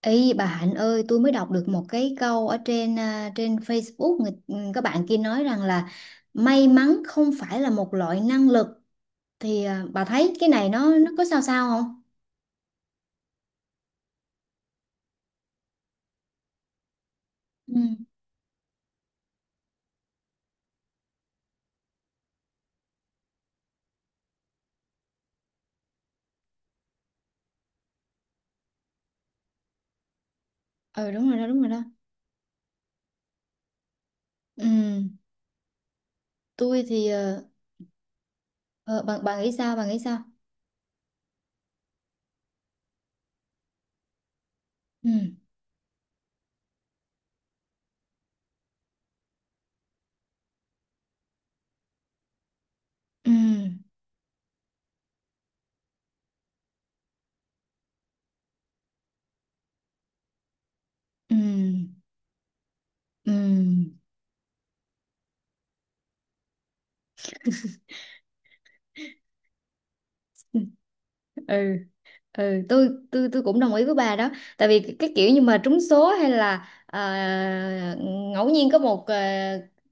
Ý bà Hạnh ơi, tôi mới đọc được một cái câu ở trên, trên Facebook, các bạn kia nói rằng là may mắn không phải là một loại năng lực, thì, bà thấy cái này nó có sao sao không? Ừ, ừ đúng rồi đó, đúng rồi đó. Ừ, tôi thì ờ, bà nghĩ sao, bà nghĩ sao? Ừ, ừ, ừ, ừ. Ừ, ừ, tôi cũng đồng ý với bà đó, tại vì cái kiểu như mà trúng số hay là, ngẫu nhiên có một,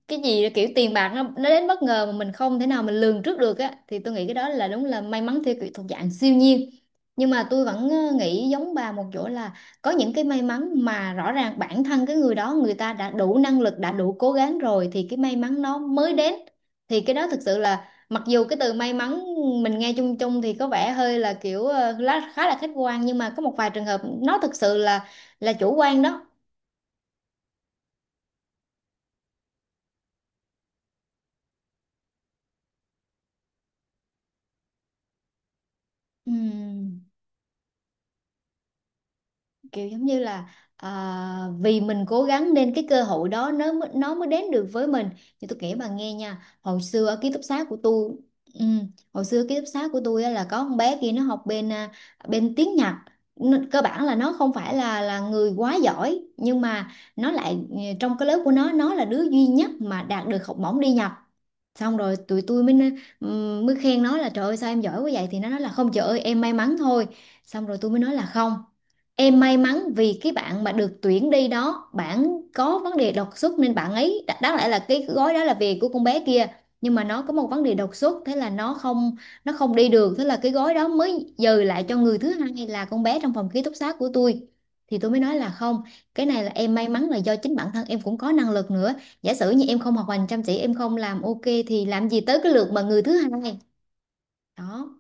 cái gì kiểu tiền bạc nó đến bất ngờ mà mình không thể nào mình lường trước được á, thì tôi nghĩ cái đó là đúng là may mắn theo kiểu thuộc dạng siêu nhiên. Nhưng mà tôi vẫn nghĩ giống bà một chỗ là có những cái may mắn mà rõ ràng bản thân cái người đó, người ta đã đủ năng lực, đã đủ cố gắng rồi thì cái may mắn nó mới đến. Thì cái đó thực sự là, mặc dù cái từ may mắn mình nghe chung chung thì có vẻ hơi là kiểu, khá là khách quan, nhưng mà có một vài trường hợp nó thực sự là chủ quan đó. Ừm. Kiểu giống như là, à, vì mình cố gắng nên cái cơ hội đó nó mới đến được với mình. Thì tôi kể bà nghe nha, hồi xưa ở ký túc xá của tôi, ừ, hồi xưa ký túc xá của tôi á là có con bé kia, nó học bên, bên tiếng Nhật. Cơ bản là nó không phải là người quá giỏi, nhưng mà nó lại, trong cái lớp của nó là đứa duy nhất mà đạt được học bổng đi Nhật. Xong rồi tụi tôi mới mới khen nó là, trời ơi sao em giỏi quá vậy, thì nó nói là, không trời ơi em may mắn thôi. Xong rồi tôi mới nói là, không. Em may mắn vì cái bạn mà được tuyển đi đó, bạn có vấn đề đột xuất nên bạn ấy đáng lẽ là cái gói đó là về của con bé kia, nhưng mà nó có một vấn đề đột xuất, thế là nó không đi được, thế là cái gói đó mới dời lại cho người thứ hai là con bé trong phòng ký túc xá của tôi. Thì tôi mới nói là, không, cái này là em may mắn là do chính bản thân em cũng có năng lực nữa. Giả sử như em không học hành chăm chỉ, em không làm ok thì làm gì tới cái lượt mà người thứ hai. Đó.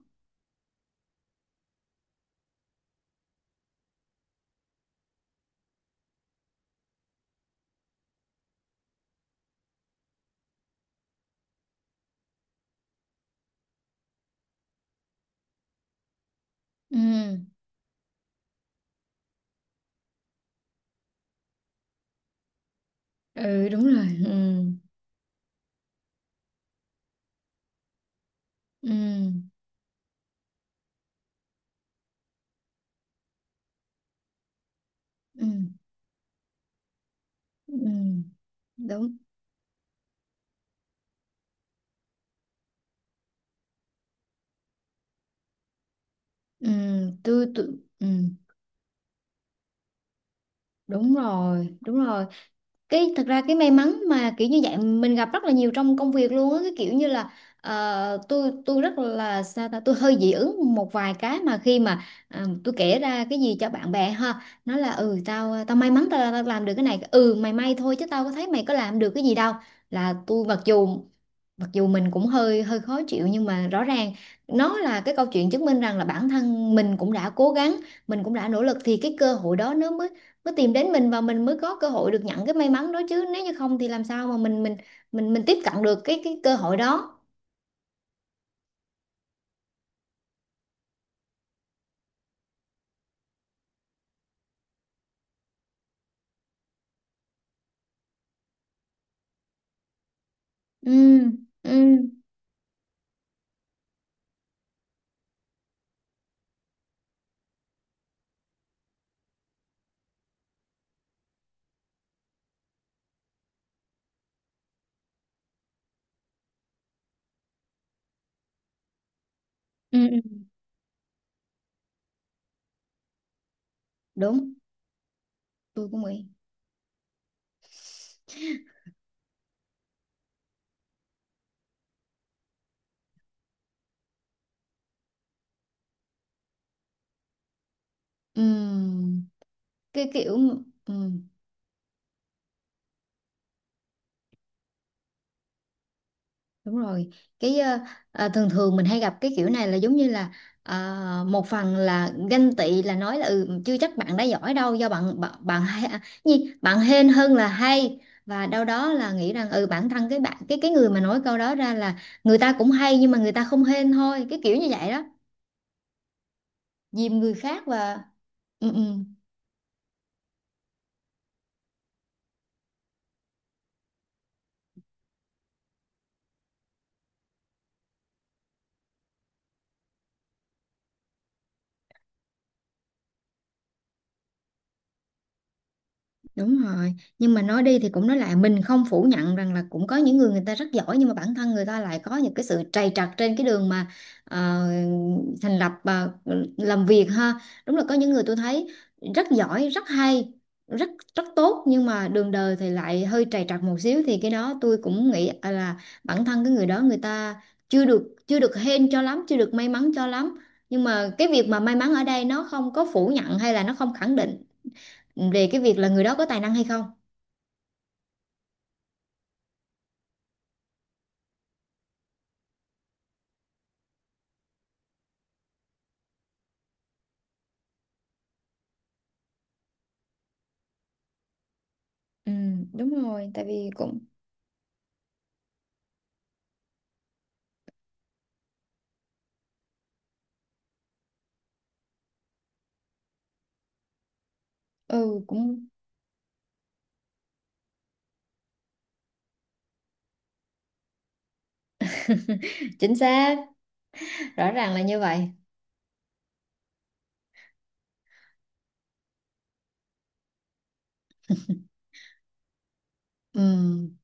Ừ. Ừ đúng rồi. Ừ. Ừ. Ừ. Ừ, đúng. Ừ, tôi, tôi ừ, đúng rồi, đúng rồi. Cái thật ra cái may mắn mà kiểu như vậy mình gặp rất là nhiều trong công việc luôn á, cái kiểu như là, tôi rất là sao ta, tôi hơi dị ứng một vài cái mà khi mà, tôi kể ra cái gì cho bạn bè ha, nó là, ừ tao tao may mắn tao, tao làm được cái này, ừ mày may thôi chứ tao có thấy mày có làm được cái gì đâu. Là tôi mặc dù, mình cũng hơi hơi khó chịu, nhưng mà rõ ràng nó là cái câu chuyện chứng minh rằng là bản thân mình cũng đã cố gắng, mình cũng đã nỗ lực thì cái cơ hội đó nó mới mới tìm đến mình, và mình mới có cơ hội được nhận cái may mắn đó, chứ nếu như không thì làm sao mà mình tiếp cận được cái cơ hội đó. Ừ, ừ, ừ, ừ đúng, tôi cũng nghĩ. Ừ, cái kiểu. Ừ. Đúng rồi, cái ờ, thường thường mình hay gặp cái kiểu này là giống như là, một phần là ganh tị, là nói là, ừ, chưa chắc bạn đã giỏi đâu, do bạn bạn, bạn hay, gì, bạn hên hơn là hay, và đâu đó là nghĩ rằng ừ, bản thân cái bạn cái người mà nói câu đó ra là, người ta cũng hay nhưng mà người ta không hên thôi, cái kiểu như vậy đó, dìm người khác và, ừ, ừ. Đúng rồi, nhưng mà nói đi thì cũng nói lại, mình không phủ nhận rằng là cũng có những người người ta rất giỏi, nhưng mà bản thân người ta lại có những cái sự trầy trật trên cái đường mà, ờ, thành lập, làm việc ha. Đúng là có những người tôi thấy rất giỏi, rất hay, rất rất tốt, nhưng mà đường đời thì lại hơi trầy trật một xíu, thì cái đó tôi cũng nghĩ, là bản thân cái người đó, người ta chưa được hên cho lắm, chưa được may mắn cho lắm. Nhưng mà cái việc mà may mắn ở đây nó không có phủ nhận hay là nó không khẳng định về cái việc là người đó có tài năng hay không. Ừ, đúng rồi, tại vì cũng chính xác, rõ ràng là như vậy. Ừm,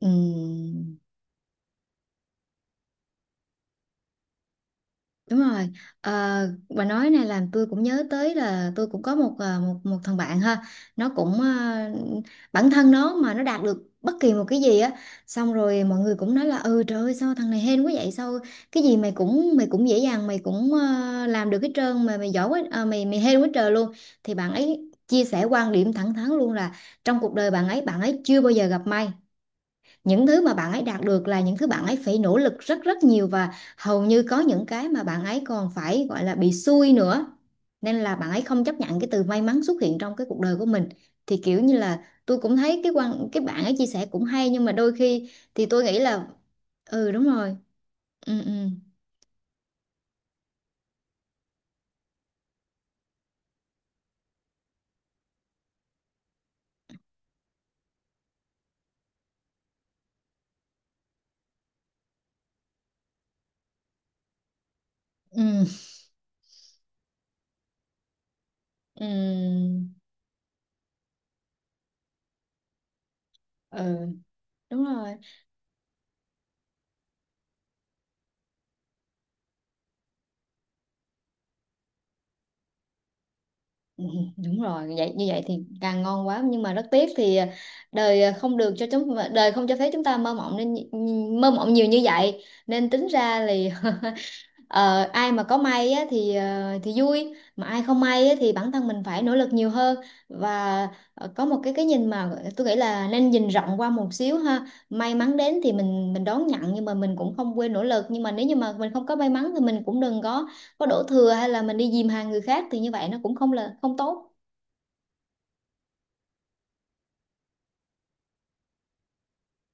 ừm. Đúng rồi. Ờ, bà nói này làm tôi cũng nhớ tới là tôi cũng có một, ờ, một một thằng bạn ha. Nó cũng, bản thân nó mà nó đạt được bất kỳ một cái gì á, xong rồi mọi người cũng nói là, ừ trời ơi sao thằng này hên quá vậy, sao cái gì mày cũng, mày cũng dễ dàng, mày cũng, làm được hết trơn, mà mày giỏi quá, mày mày hên quá trời luôn. Thì bạn ấy chia sẻ quan điểm thẳng thắn luôn là, trong cuộc đời bạn ấy, chưa bao giờ gặp may, những thứ mà bạn ấy đạt được là những thứ bạn ấy phải nỗ lực rất rất nhiều, và hầu như có những cái mà bạn ấy còn phải gọi là bị xui nữa. Nên là bạn ấy không chấp nhận cái từ may mắn xuất hiện trong cái cuộc đời của mình. Thì kiểu như là tôi cũng thấy cái bạn ấy chia sẻ cũng hay, nhưng mà đôi khi thì tôi nghĩ là, ừ đúng rồi. Ừ, ừ, ừ, ừ, ừ đúng rồi. Ừ, đúng rồi, vậy như vậy thì càng ngon quá, nhưng mà rất tiếc thì, đời, à, không được cho chúng đời không cho phép chúng ta mơ mộng, nên mơ mộng nhiều như vậy nên tính ra thì Ờ, ai mà có may á thì, vui, mà ai không may á thì bản thân mình phải nỗ lực nhiều hơn, và có một cái nhìn mà tôi nghĩ là nên nhìn rộng qua một xíu ha, may mắn đến thì mình đón nhận, nhưng mà mình cũng không quên nỗ lực, nhưng mà nếu như mà mình không có may mắn thì mình cũng đừng có đổ thừa hay là mình đi dìm hàng người khác, thì như vậy nó cũng không là không tốt.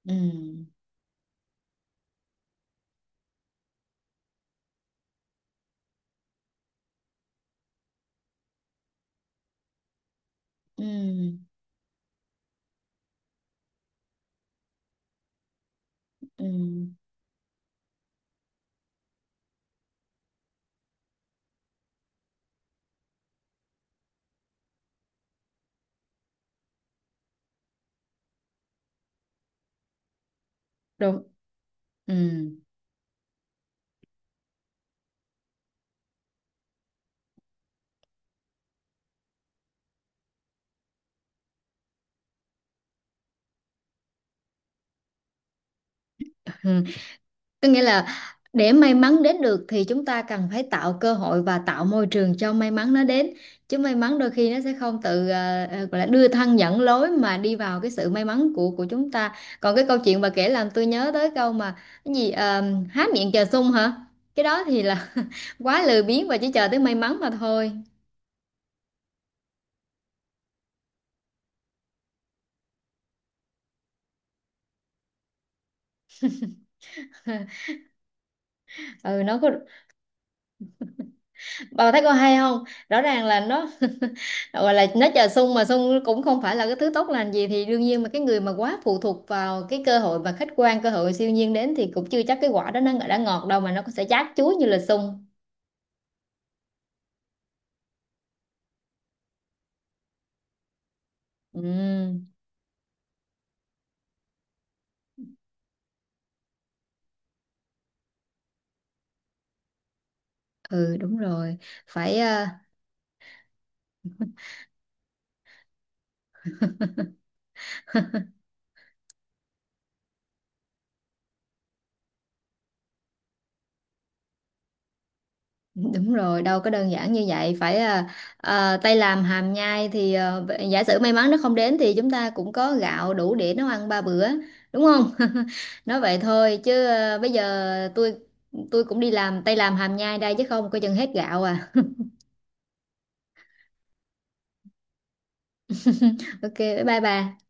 Ừ, ừ, ừ đúng, ừ. Có nghĩa là, để may mắn đến được thì chúng ta cần phải tạo cơ hội và tạo môi trường cho may mắn nó đến. Chứ may mắn đôi khi nó sẽ không tự, gọi là đưa thân dẫn lối mà đi vào cái sự may mắn của chúng ta. Còn cái câu chuyện bà kể làm tôi nhớ tới câu mà, cái gì, há miệng chờ sung hả? Cái đó thì là quá lười biếng và chỉ chờ tới may mắn mà thôi. Ừ nó có, bà thấy có hay không, rõ ràng là nó gọi là nó chờ sung, mà sung cũng không phải là cái thứ tốt lành gì, thì đương nhiên mà cái người mà quá phụ thuộc vào cái cơ hội và khách quan, cơ hội siêu nhiên đến thì cũng chưa chắc cái quả đó nó đã ngọt đâu, mà nó cũng sẽ chát chuối như là sung. Ừ, ừ đúng rồi, phải, Đúng rồi, đâu có đơn giản như vậy, phải, tay làm hàm nhai thì, giả sử may mắn nó không đến thì chúng ta cũng có gạo đủ để nấu ăn 3 bữa, đúng không? Nói vậy thôi chứ, bây giờ tôi, cũng đi làm tay làm hàm nhai đây chứ không coi chừng hết gạo à. Ok, bye bye bà.